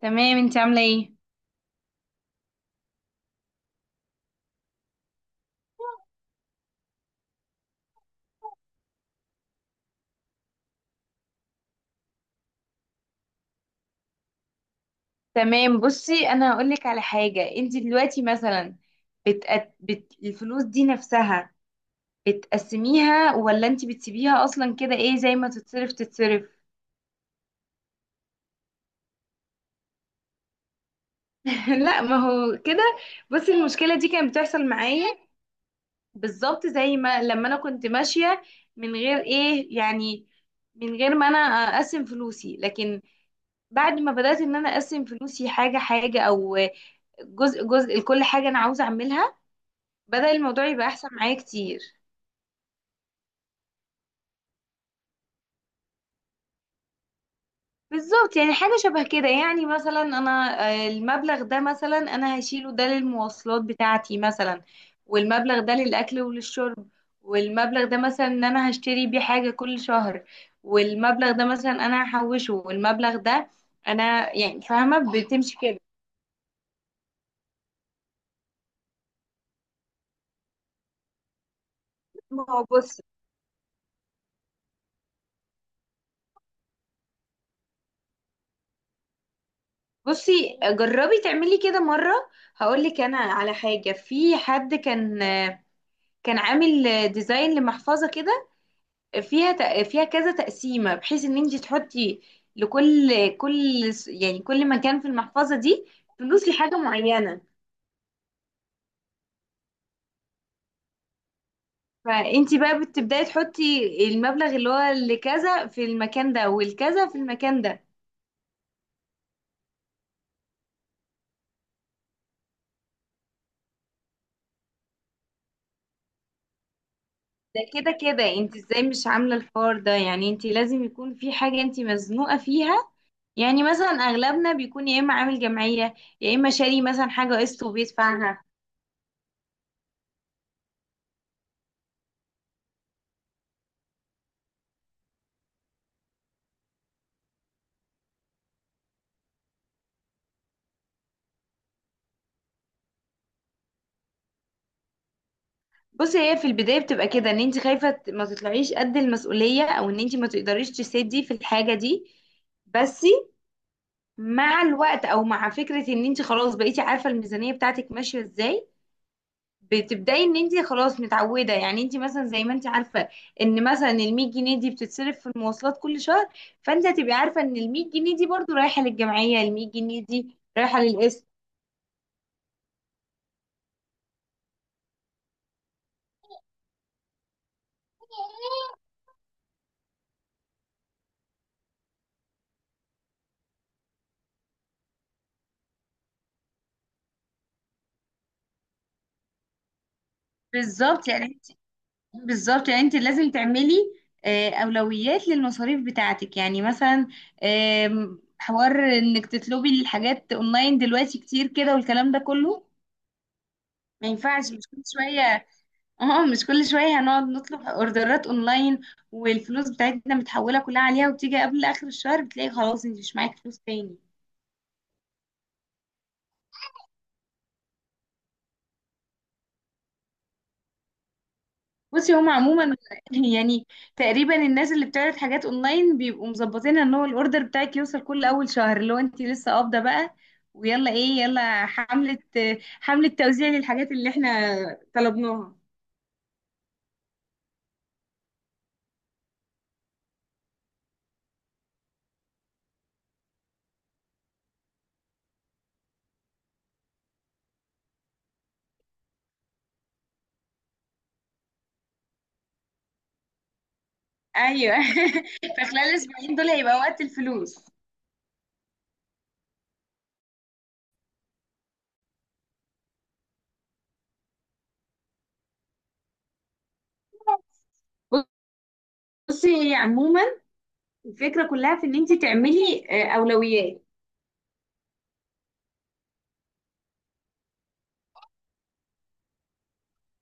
تمام، انت عامله ايه؟ تمام، بصي انا هقول لك على حاجه. انت دلوقتي مثلا الفلوس دي نفسها بتقسميها ولا انت بتسيبيها اصلا؟ كده ايه زي ما تتصرف تتصرف. لا ما هو كده، بصي المشكله دي كانت بتحصل معايا بالظبط زي ما لما انا كنت ماشيه من غير ايه يعني، من غير ما انا اقسم فلوسي. لكن بعد ما بدات ان انا اقسم فلوسي حاجه حاجه او جزء جزء لكل حاجه انا عاوزه اعملها، بدأ الموضوع يبقى احسن معايا كتير. بالظبط، يعني حاجة شبه كده. يعني مثلا انا المبلغ ده مثلا انا هشيله ده للمواصلات بتاعتي مثلا، والمبلغ ده للاكل وللشرب، والمبلغ ده مثلا ان انا هشتري بيه حاجة كل شهر، والمبلغ ده مثلا انا هحوشه، والمبلغ ده انا يعني فاهمة بتمشي كده. ما هو بصي، بصي جربي تعملي كده مرة. هقولك انا على حاجة، في حد كان كان عامل ديزاين لمحفظة كده فيها فيها كذا تقسيمة بحيث ان انت تحطي لكل كل يعني كل مكان في المحفظة دي فلوس لحاجة معينة. فانت بقى بتبداي تحطي المبلغ اللي هو لكذا في المكان ده، والكذا في المكان ده. ده كده كده انت ازاي مش عاملة الحوار ده؟ يعني انت لازم يكون في حاجة انت مزنوقة فيها. يعني مثلا اغلبنا بيكون يا اما عامل جمعية، يا اما شاري مثلا حاجة قسط وبيدفعها. بصي هي في البداية بتبقى كده، ان انت خايفة ما تطلعيش قد المسؤولية او ان انت ما تقدريش تسدي في الحاجة دي. بس مع الوقت، او مع فكرة ان انت خلاص بقيتي عارفة الميزانية بتاعتك ماشية ازاي، بتبدأي ان انت خلاص متعودة. يعني انت مثلا زي ما انت عارفة ان مثلا ال 100 جنيه دي بتتصرف في المواصلات كل شهر، فانت هتبقي عارفة ان ال 100 جنيه دي برضو رايحة للجمعية، ال 100 جنيه دي رايحة للقسم. بالظبط يعني بالظبط يعني انت لازم تعملي اولويات للمصاريف بتاعتك. يعني مثلا حوار انك تطلبي الحاجات اونلاين دلوقتي كتير كده والكلام ده كله. ما ينفعش مش كل شويه. اه مش كل شويه هنقعد نطلب اوردرات اونلاين، والفلوس بتاعتنا متحوله كلها عليها، وبتيجي قبل اخر الشهر بتلاقي خلاص انت مش معاكي فلوس تاني. بصي هم عموما يعني تقريبا الناس اللي بتعرض حاجات اونلاين بيبقوا مظبطين ان هو الاوردر بتاعك يوصل كل اول شهر اللي هو انت لسه قابضه بقى، ويلا ايه يلا حملة. حملة توزيع للحاجات اللي احنا طلبناها. ايوه. فخلال الاسبوعين دول هيبقى وقت الفلوس. بصي هي عموما الفكرة كلها في ان انت تعملي اولويات.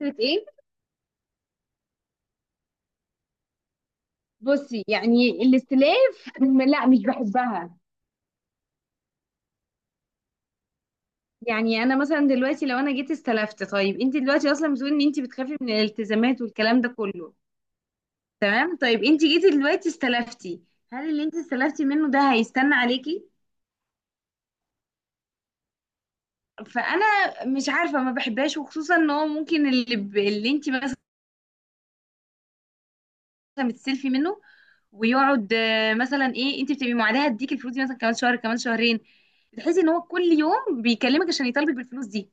فكرة ايه؟ بصي يعني الاستلاف، لا مش بحبها. يعني انا مثلا دلوقتي لو انا جيت استلفت، طيب انت دلوقتي اصلا بتقولي ان انت بتخافي من الالتزامات والكلام ده كله. تمام، طيب انت جيتي دلوقتي استلفتي، هل اللي انت استلفتي منه ده هيستنى عليكي؟ فانا مش عارفه، ما بحبهاش. وخصوصا ان هو ممكن اللي اللي انت مثلا بتستلفي منه ويقعد مثلا ايه انت بتبقي معادها هديك الفلوس دي مثلا كمان شهر كمان شهرين، بتحسي ان هو كل يوم بيكلمك عشان يطالبك بالفلوس دي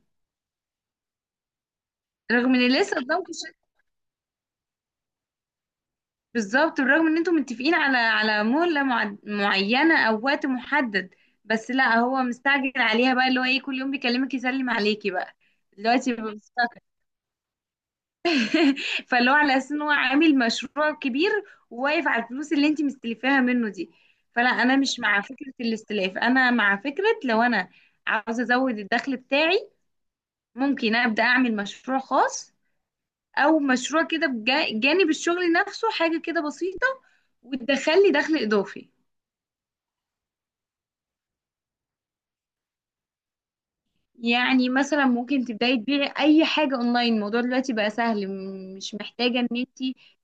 رغم ان لسه قدامك. بالظبط، بالرغم ان انتم متفقين على على مهلة معينة او وقت محدد، بس لا هو مستعجل عليها بقى، اللي هو ايه، كل يوم بيكلمك يسلم عليكي بقى. دلوقتي ببقى مستغربة. فاللي هو على اساس ان هو عامل مشروع كبير وواقف على الفلوس اللي انت مستلفاها منه دي. فلا، انا مش مع فكرة الاستلاف. انا مع فكرة لو انا عاوزة ازود الدخل بتاعي، ممكن ابدا اعمل مشروع خاص، او مشروع كده بجانب الشغل نفسه، حاجة كده بسيطة وتدخل لي دخل اضافي. يعني مثلا ممكن تبداي تبيعي اي حاجه اونلاين. الموضوع دلوقتي بقى سهل، مش محتاجه ان انت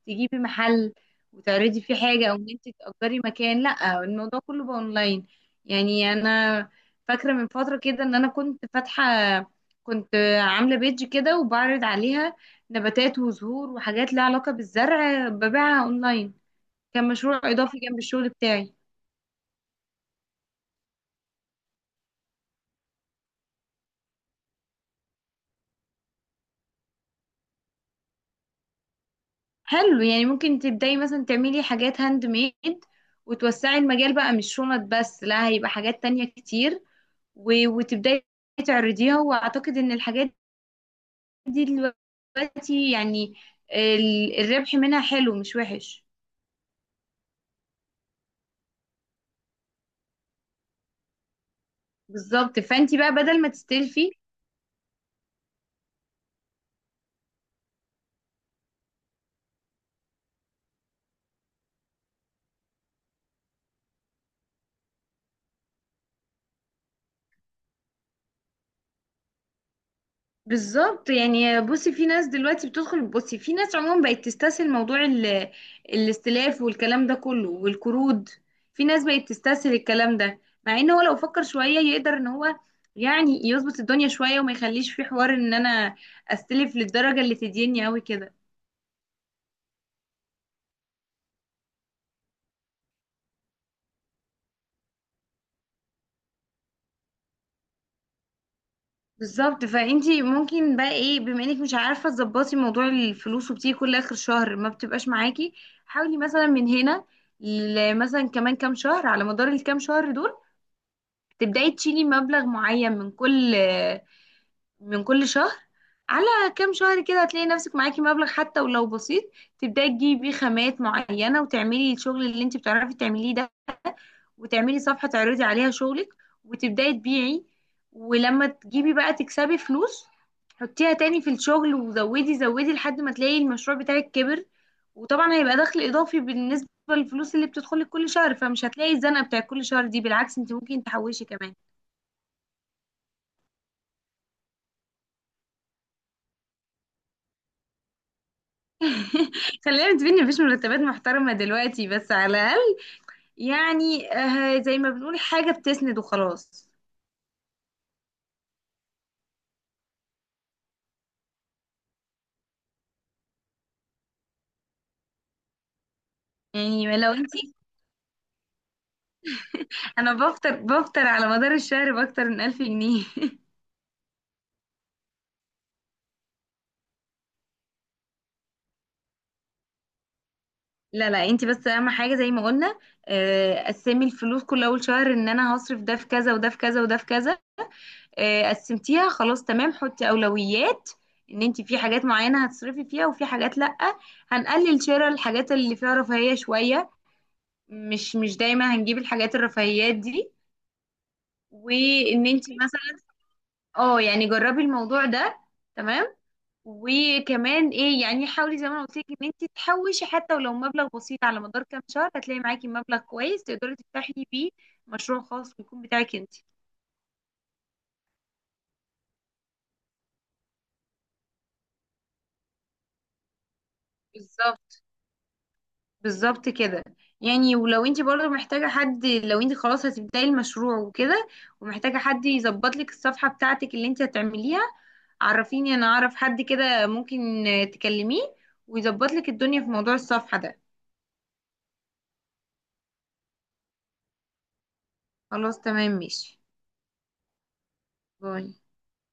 تجيبي محل وتعرضي فيه حاجه، او ان انت تاجري مكان. لا، الموضوع كله بقى اونلاين. يعني انا فاكره من فتره كده ان انا كنت فاتحه، كنت عامله بيج كده، وبعرض عليها نباتات وزهور وحاجات لها علاقه بالزرع، ببيعها اونلاين. كان مشروع اضافي جنب الشغل بتاعي. حلو، يعني ممكن تبدأي مثلا تعملي حاجات هاند ميد وتوسعي المجال بقى، مش شنط بس، لا هيبقى حاجات تانية كتير، وتبدأي تعرضيها. وأعتقد إن الحاجات دي دلوقتي يعني الربح منها حلو مش وحش. بالظبط، فانتي بقى بدل ما تستلفي. بالظبط يعني، بصي في ناس دلوقتي بتدخل، بصي في ناس عموما بقت تستسهل موضوع الاستلاف والكلام ده كله والقروض. في ناس بقت تستسهل الكلام ده، مع ان هو لو فكر شوية يقدر ان هو يعني يظبط الدنيا شوية وما يخليش في حوار ان انا استلف للدرجة اللي تديني قوي كده. بالظبط، فانتي ممكن بقى ايه، بما انك مش عارفة تظبطي موضوع الفلوس وبتيجي كل اخر شهر ما بتبقاش معاكي، حاولي مثلا من هنا مثلا كمان كام شهر، على مدار الكام شهر دول تبدأي تشيلي مبلغ معين من كل من كل شهر. على كام شهر كده هتلاقي نفسك معاكي مبلغ حتى ولو بسيط، تبدأي تجيبي بيه خامات معينة وتعملي الشغل اللي انت بتعرفي تعمليه ده، وتعملي صفحة تعرضي عليها شغلك وتبدأي تبيعي. ولما تجيبي بقى تكسبي فلوس، حطيها تاني في الشغل، وزودي زودي لحد ما تلاقي المشروع بتاعك كبر. وطبعا هيبقى دخل إضافي بالنسبة للفلوس اللي بتدخلك كل شهر، فمش هتلاقي الزنقة بتاع كل شهر دي، بالعكس انت ممكن تحوشي كمان. خلينا نتفق مفيش مرتبات محترمة دلوقتي، بس على الأقل يعني زي ما بنقول حاجة بتسند وخلاص. يعني لو انت، انا بفطر على مدار الشهر باكتر من 1000 جنيه. لا لا، انت بس اهم حاجة زي ما قلنا، قسمي الفلوس كل اول شهر، ان انا هصرف ده في كذا وده في كذا وده في كذا. قسمتيها خلاص، تمام، حطي اولويات ان انت في حاجات معينة هتصرفي فيها وفي حاجات لأ، هنقلل شراء الحاجات اللي فيها رفاهية شوية. مش مش دايما هنجيب الحاجات الرفاهيات دي. وان انت مثلا، اه يعني جربي الموضوع ده. تمام. وكمان ايه يعني، حاولي زي ما انا قلت لك ان انت تحوشي حتى ولو مبلغ بسيط، على مدار كام شهر هتلاقي معاكي مبلغ كويس تقدري تفتحي بيه مشروع خاص ويكون بتاعك انت. بالظبط، بالظبط كده. يعني ولو انت برضه محتاجه حد، لو انت خلاص هتبداي المشروع وكده ومحتاجه حد يظبط لك الصفحه بتاعتك اللي انت هتعمليها، عرفيني، انا اعرف حد كده ممكن تكلميه ويظبط لك الدنيا في موضوع الصفحة ده. خلاص تمام، ماشي. باي.